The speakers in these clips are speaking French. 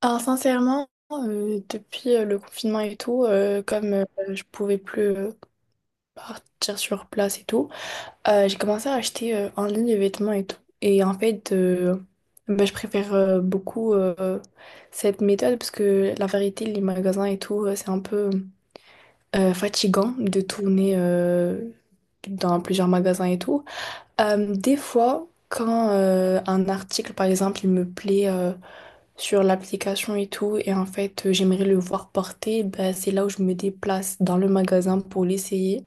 Alors sincèrement, depuis le confinement et tout, comme je pouvais plus partir sur place et tout, j'ai commencé à acheter en ligne les vêtements et tout. Et en fait, bah, je préfère beaucoup cette méthode parce que la vérité, les magasins et tout, c'est un peu fatigant de tourner dans plusieurs magasins et tout. Des fois, quand un article, par exemple, il me plaît sur l'application et tout. Et en fait, j'aimerais le voir porter. Ben, c'est là où je me déplace dans le magasin pour l'essayer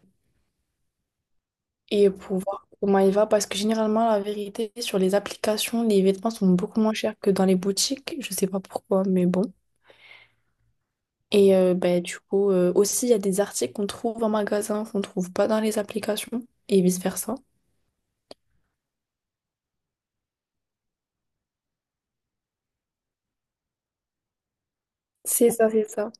et pour voir comment il va. Parce que généralement, la vérité, sur les applications, les vêtements sont beaucoup moins chers que dans les boutiques. Je sais pas pourquoi, mais bon. Et ben, du coup, aussi, il y a des articles qu'on trouve en magasin, qu'on trouve pas dans les applications et vice-versa. C'est ça, c'est ça.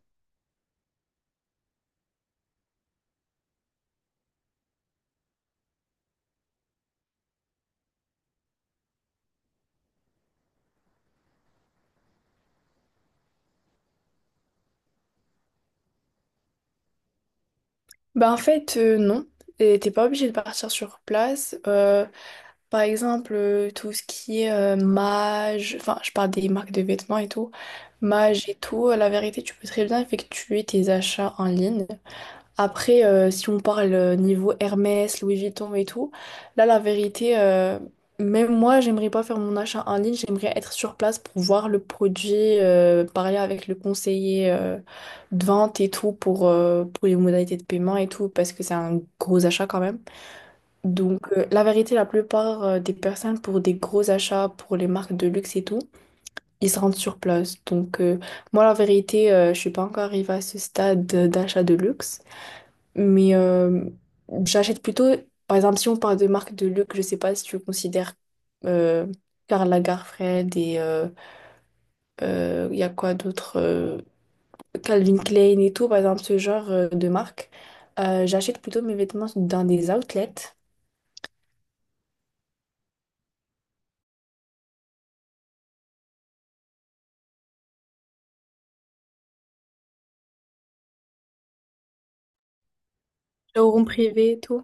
Bah en fait, non. Et t'es pas obligé de partir sur place. Par exemple, tout ce qui est Mage, enfin, je parle des marques de vêtements et tout. Mage et tout, la vérité, tu peux très bien effectuer tes achats en ligne. Après, si on parle niveau Hermès, Louis Vuitton et tout, là, la vérité, même moi, j'aimerais pas faire mon achat en ligne, j'aimerais être sur place pour voir le produit, parler avec le conseiller de vente et tout pour les modalités de paiement et tout, parce que c'est un gros achat quand même. Donc, la vérité, la plupart des personnes, pour des gros achats, pour les marques de luxe et tout, ils se rendent sur place. Donc, moi, la vérité, je suis pas encore arrivée à ce stade d'achat de luxe, mais j'achète plutôt, par exemple, si on parle de marques de luxe, je sais pas si tu considères euh, Karl Lagerfeld et il y a quoi d'autre Calvin Klein et tout, par exemple, ce genre de marque. J'achète plutôt mes vêtements dans des outlets, showroom privé et tout.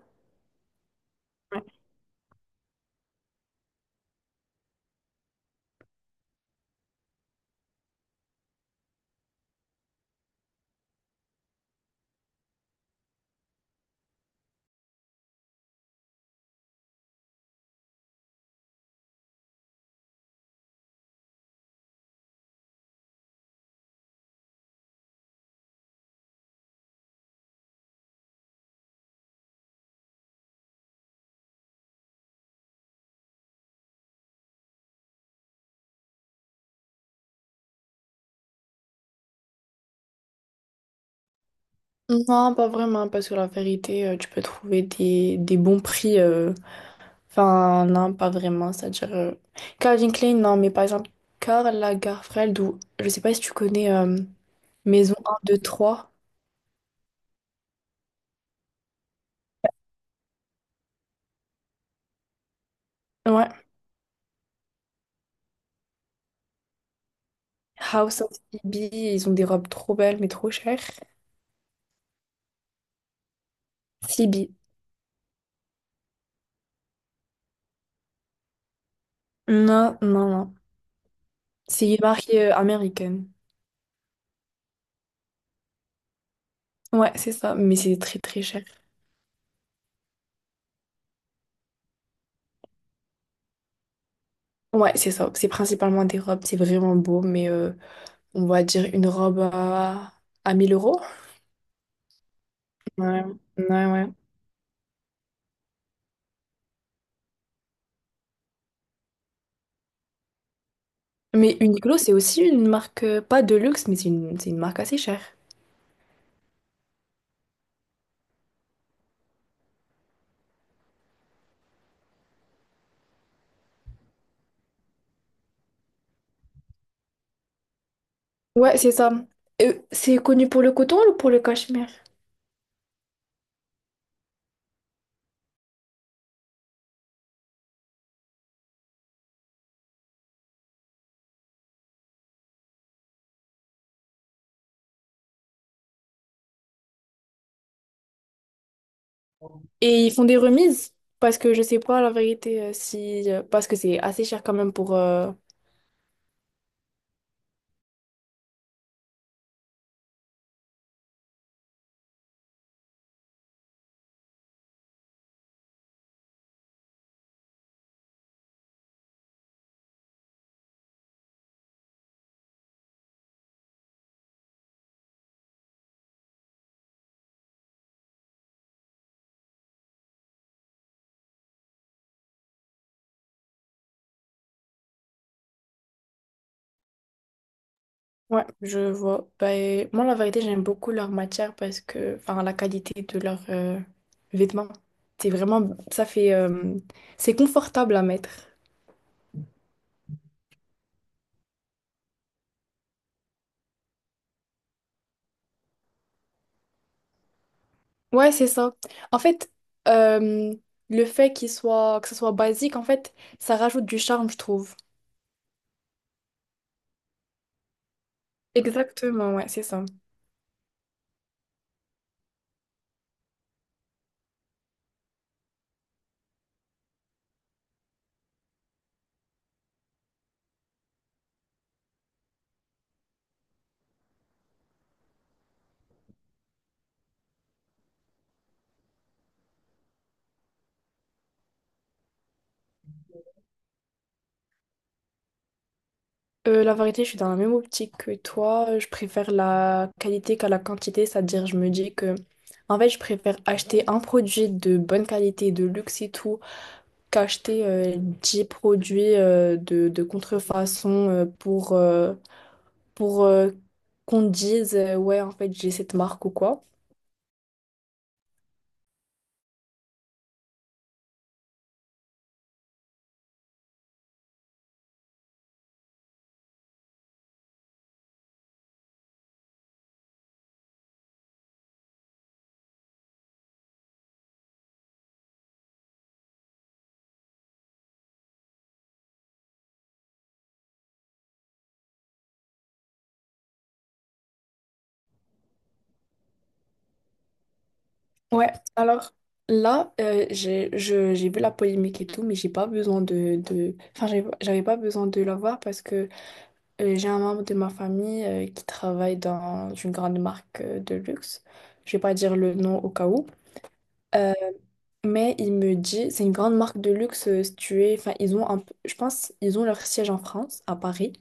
Non, pas vraiment, parce que la vérité, tu peux trouver des bons prix. Enfin, non, pas vraiment. C'est-à-dire, Calvin Klein, non, mais par exemple, Karl Lagerfeld, ou je sais pas si tu connais Maison 123. Ouais. House of Phoebe, ils ont des robes trop belles, mais trop chères. Phoebe. Non, non, non. C'est une marque américaine. Ouais, c'est ça, mais c'est très très cher. Ouais, c'est ça. C'est principalement des robes, c'est vraiment beau, mais on va dire une robe à 1000 euros. Ouais, ouais, ouais. Mais Uniqlo, c'est aussi une marque, pas de luxe, mais c'est une marque assez chère. Ouais, c'est ça. C'est connu pour le coton ou pour le cachemire? Et ils font des remises, parce que je sais pas la vérité si parce que c'est assez cher quand même pour. Ouais, je vois. Ben, moi, la vérité, j'aime beaucoup leur matière parce que. Enfin, la qualité de leurs vêtements. C'est vraiment. Ça fait. C'est confortable à mettre. Ouais, c'est ça. En fait, euh, le fait que ce soit basique, en fait, ça rajoute du charme, je trouve. Exactement, ouais, c'est ça. La vérité, je suis dans la même optique que toi. Je préfère la qualité qu'à la quantité, c'est-à-dire, je me dis que, en fait, je préfère acheter un produit de bonne qualité, de luxe et tout, qu'acheter 10 produits de contrefaçon pour qu'on dise, ouais, en fait, j'ai cette marque ou quoi. Ouais, alors là, j'ai vu la polémique et tout, mais j'ai pas besoin de... Enfin, j'avais pas besoin de la voir parce que j'ai un membre de ma famille qui travaille dans une grande marque de luxe. Je vais pas dire le nom au cas où. Euh, mais il me dit, c'est une grande marque de luxe située. Enfin, ils ont un je pense ils ont leur siège en France, à Paris.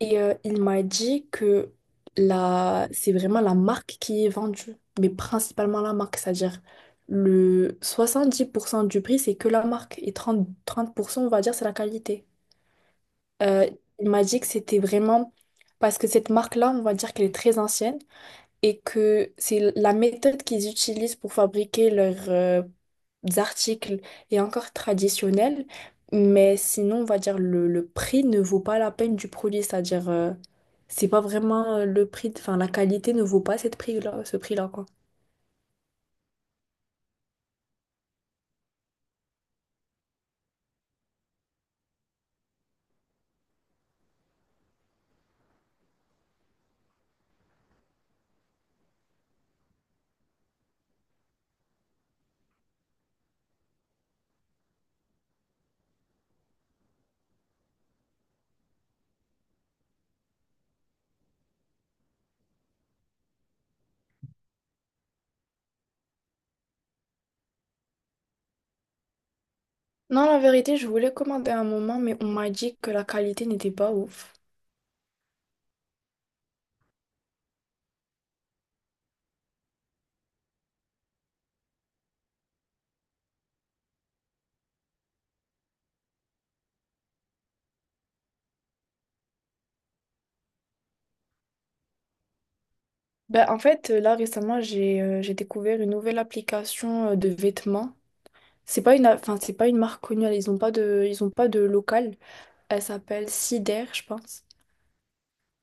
Et il m'a dit que la... c'est vraiment la marque qui est vendue, mais principalement la marque, c'est-à-dire le 70% du prix, c'est que la marque, et trente pour cent on va dire, c'est la qualité. Euh, il m'a dit que c'était vraiment parce que cette marque-là, on va dire qu'elle est très ancienne, et que c'est la méthode qu'ils utilisent pour fabriquer leurs articles est encore traditionnelle, mais sinon, on va dire le prix ne vaut pas la peine du produit, c'est-à-dire c'est pas vraiment le prix, enfin la qualité ne vaut pas ce prix-là, quoi. Non, la vérité, je voulais commander un moment, mais on m'a dit que la qualité n'était pas ouf. Ben, en fait, là récemment, j'ai découvert une nouvelle application de vêtements. C'est pas une, a- Enfin, c'est pas une marque connue, ils ont pas de local. Elle s'appelle Cider, je pense.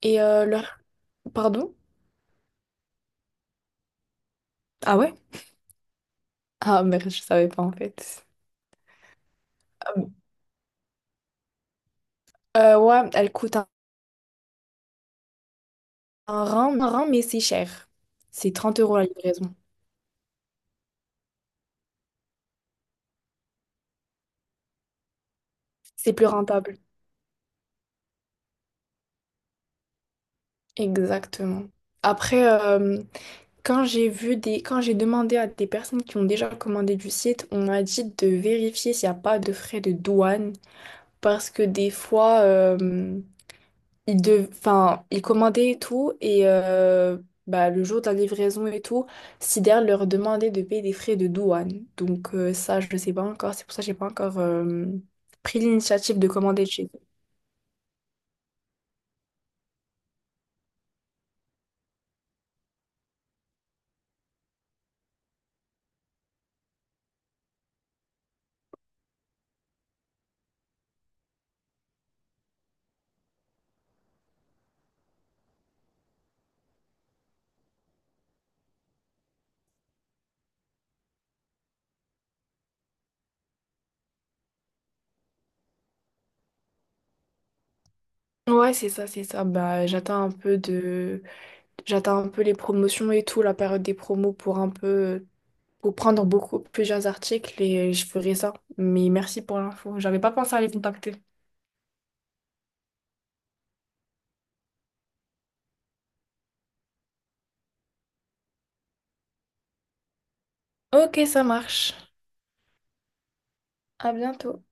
Et leur. Pardon? Ah ouais? Ah merde, je savais pas en fait. Ah bon. Ouais, elle coûte un rang, mais c'est cher. C'est 30 € la livraison. C'est plus rentable. Exactement. Après, quand j'ai demandé à des personnes qui ont déjà commandé du site, on m'a dit de vérifier s'il n'y a pas de frais de douane. Parce que des fois, il dev... enfin, ils commandaient et tout, et bah, le jour de la livraison et tout, Sider leur demandait de payer des frais de douane. Donc ça, je ne sais pas encore, c'est pour ça que j'ai pas encore pris l'initiative de commander de chez eux. Ouais, c'est ça, c'est ça. Bah, j'attends un peu les promotions et tout, la période des promos pour un peu... pour prendre plusieurs articles et je ferai ça. Mais merci pour l'info, j'avais pas pensé à les contacter. Ok, ça marche. À bientôt.